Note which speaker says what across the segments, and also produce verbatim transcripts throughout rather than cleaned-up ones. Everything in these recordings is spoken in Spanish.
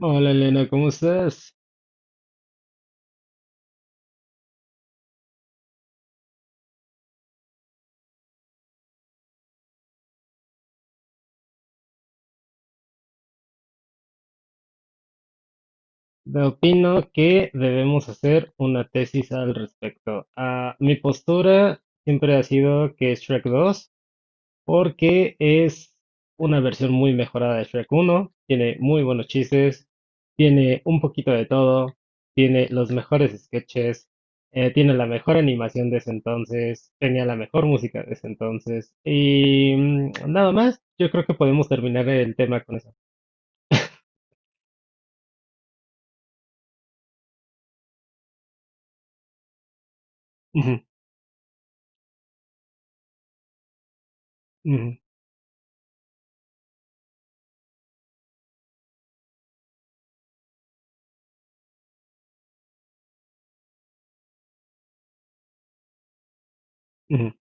Speaker 1: Hola Elena, ¿cómo estás? Te Opino que debemos hacer una tesis al respecto. Ah, mi postura siempre ha sido que es Shrek dos, porque es una versión muy mejorada de Shrek uno. Tiene muy buenos chistes, tiene un poquito de todo, tiene los mejores sketches, eh, tiene la mejor animación de ese entonces, tenía la mejor música de ese entonces y mm, nada más, yo creo que podemos terminar el tema con eso. Ujú, ujú, ujú.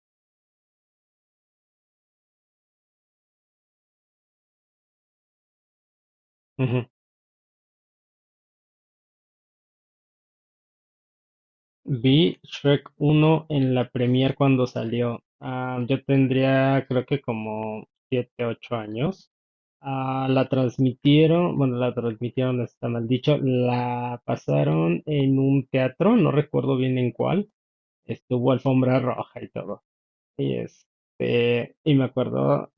Speaker 1: Ujú. Vi Shrek uno en la premier cuando salió. Ah, yo tendría creo que como siete ocho años. Ah, la transmitieron, bueno, la transmitieron, no está mal dicho, la pasaron en un teatro, no recuerdo bien en cuál. Estuvo alfombra roja y todo. Y este, y me acuerdo,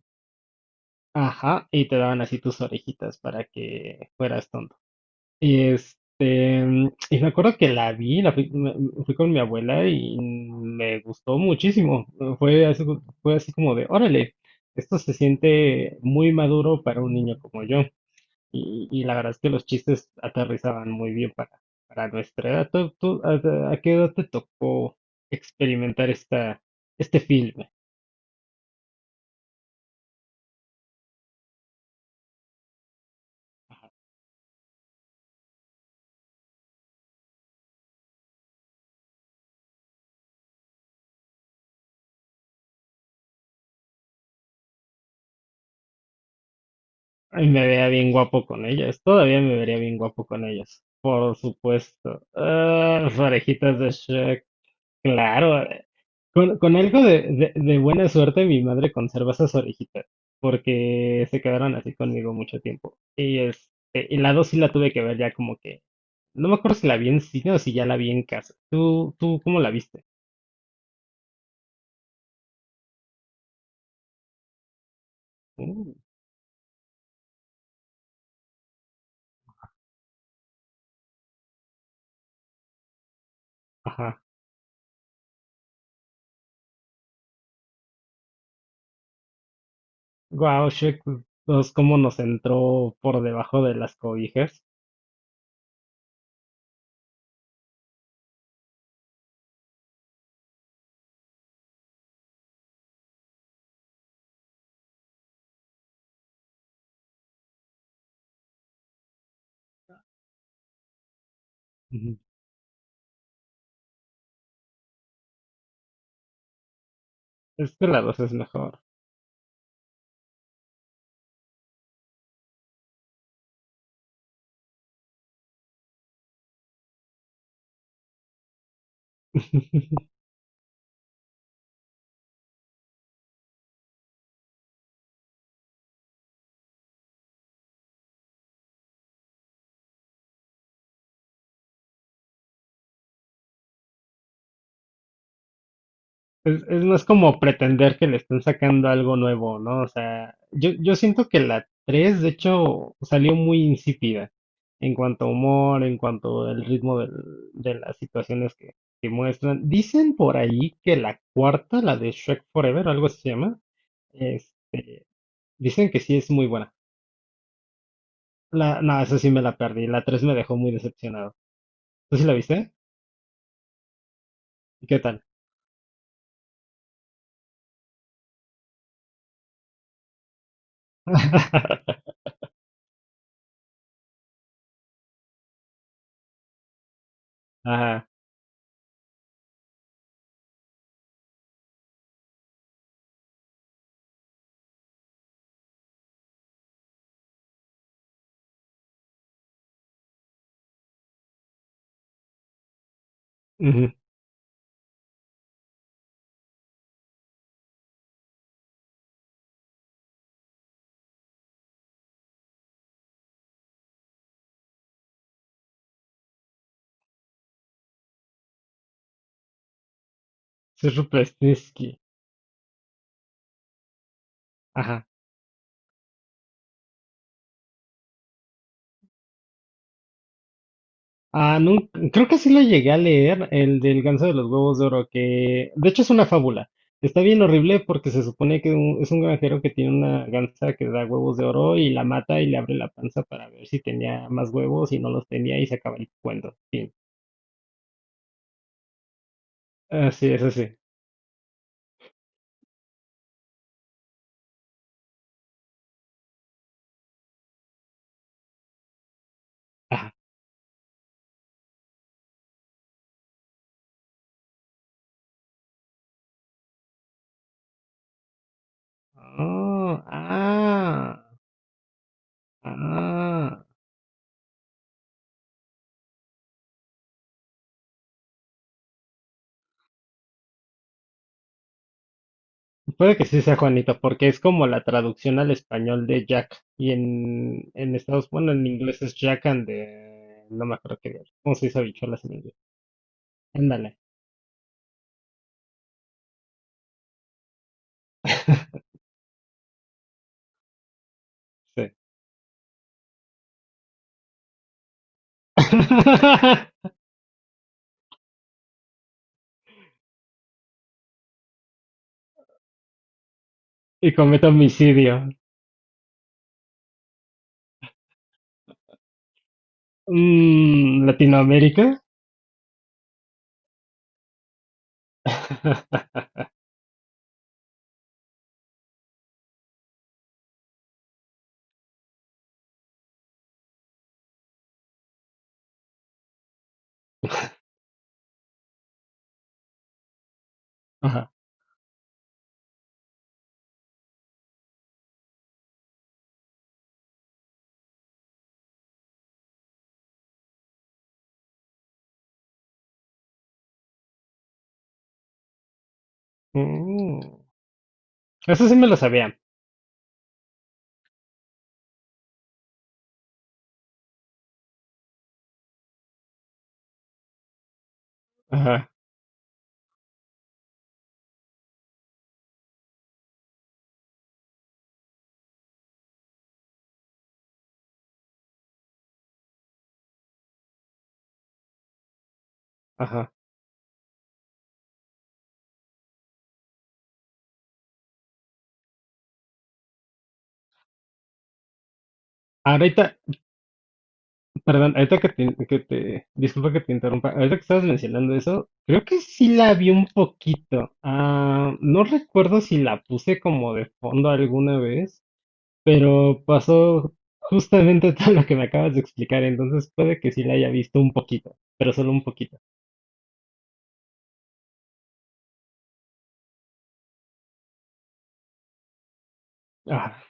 Speaker 1: ajá, y te daban así tus orejitas para que fueras. Y este, mm, y me acuerdo que la vi, la fui, me- me- fui con mi abuela y me gustó muchísimo. Eh, Fue así, fue así como de, órale, esto se siente muy maduro para un niño como yo. Y, y la verdad es que los chistes aterrizaban muy bien para, para nuestra edad. ¿Tú, tú, a, a qué edad te tocó experimentar esta, este filme? Ay, me veía bien guapo con ellas, todavía me vería bien guapo con ellas. Por supuesto. Ah, las orejitas de Shrek. Claro, eh, con, con algo de, de- de buena suerte mi madre conserva esas orejitas, porque se quedaron así conmigo mucho tiempo. Y este, y la dos sí la tuve que ver ya como que, no me acuerdo si la vi en cine o si ya la vi en casa. ¿Tú, tú cómo la viste? Uh, ajá. Wow, Shrek dos, cómo nos entró por debajo de las cobijas. Ujú. Es que la dos es mejor. Es, es más como pretender que le están sacando algo nuevo, ¿no? O sea, yo, yo siento que la tres de hecho, salió muy insípida en cuanto a humor, en cuanto al ritmo del- de las situaciones que, que muestran. Dicen por ahí que la cuarta, la de Shrek Forever, algo así se llama, este, dicen que sí es muy buena. La, no, esa sí me la perdí. La tres me dejó muy decepcionado. ¿Tú sí la viste? ¿Y ¿qué tal? Ajá. Ujú, Sir Rupert Snisky, ajá. Ah, nun- creo que sí lo llegué a leer, el del ganso de los huevos de oro, que de hecho es una fábula. Está bien horrible porque se supone que un- es un granjero que tiene una gansa que da huevos de oro y la mata y le abre la panza para ver si tenía más huevos y no los tenía y se acaba el cuento. Fin. Así es, así. Ah, oh, ah, ah. Puede que sí sea Juanito, porque es como la traducción al español de Jack. Y en, en Estados bueno, en inglés es Jack and the- No me acuerdo qué. ¿Cómo se dice habichuelas en inglés? Ándale. Sí. Y comete homicidio. Mm, ¿Latinoamérica? Ajá. Mm, eso sí me lo sabía. Ajá, ajá. Ahorita, perdón, ahorita que te, que te- disculpa que te interrumpa, ahorita que estabas mencionando eso, creo que sí la vi un poquito. Ah, no recuerdo si la puse como de fondo alguna vez, pero pasó justamente todo lo que me acabas de explicar, entonces puede que sí la haya visto un poquito, pero solo un poquito. Ah,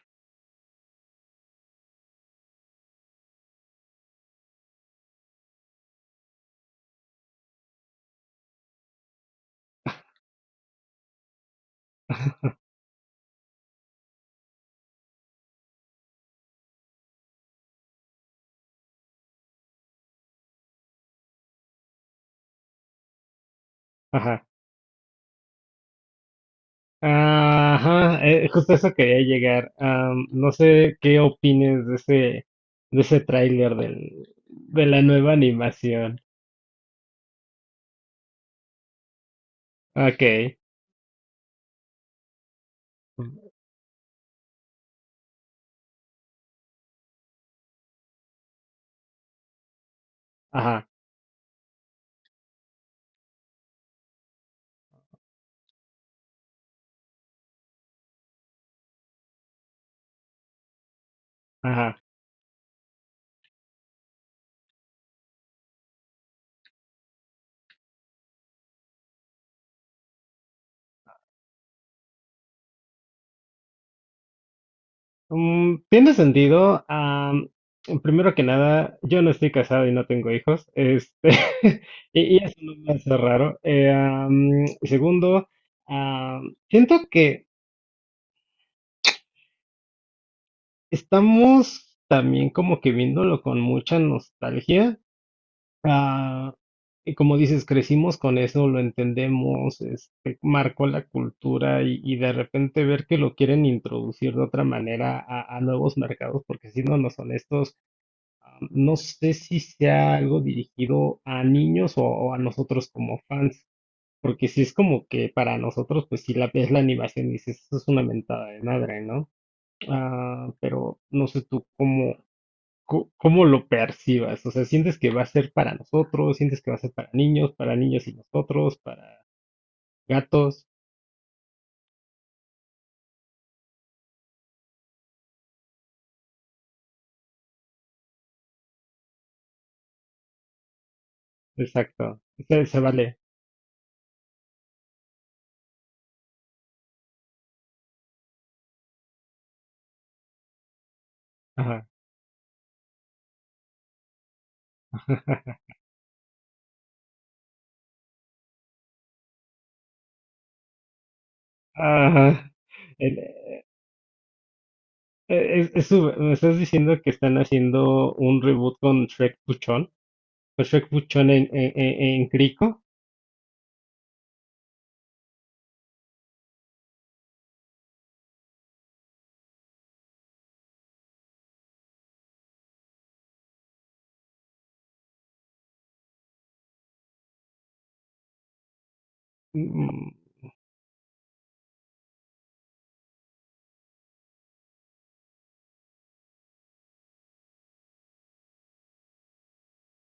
Speaker 1: ajá. Ajá, eh, justo a eso quería llegar. Am, no sé qué opines de ese, de ese tráiler del, de la nueva animación. Ok. Ajá, ajá. Mm, tiene sentido. am, primero que nada, yo no estoy casado y no tengo hijos. Este, y, y eso no me hace raro. Eh, am, segundo, am, siento que estamos también como que viéndolo con mucha nostalgia. Ah, y como dices, crecimos con eso, lo entendemos, este, marcó la cultura y, y de repente ver que lo quieren introducir de otra manera a, a nuevos mercados, porque siéndonos honestos. Am, no sé si sea algo dirigido a niños o, o a nosotros como fans, porque si es como que para nosotros, pues si la ves la animación y dices, eso es una mentada de madre, ¿no? Ah, pero no sé tú cómo, co- cómo lo percibas, o sea, ¿sientes que va a ser para nosotros? ¿Sientes que va a ser para niños, para niños y nosotros, para gatos? Exacto, se, se vale. Ajá. Ajá. Eh, Es, es su- me estás diciendo que están haciendo un reboot con Shrek Puchón, con Shrek Puchón en, en, en- en Crico. Mm,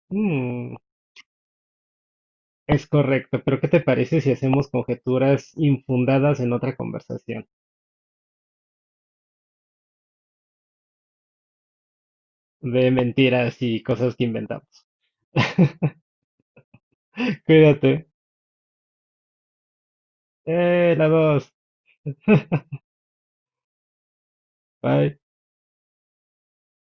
Speaker 1: mm, es correcto, pero ¿qué te parece si hacemos conjeturas infundadas en otra conversación? De mentiras y cosas que inventamos. Cuídate. Eh, la dos. Bye.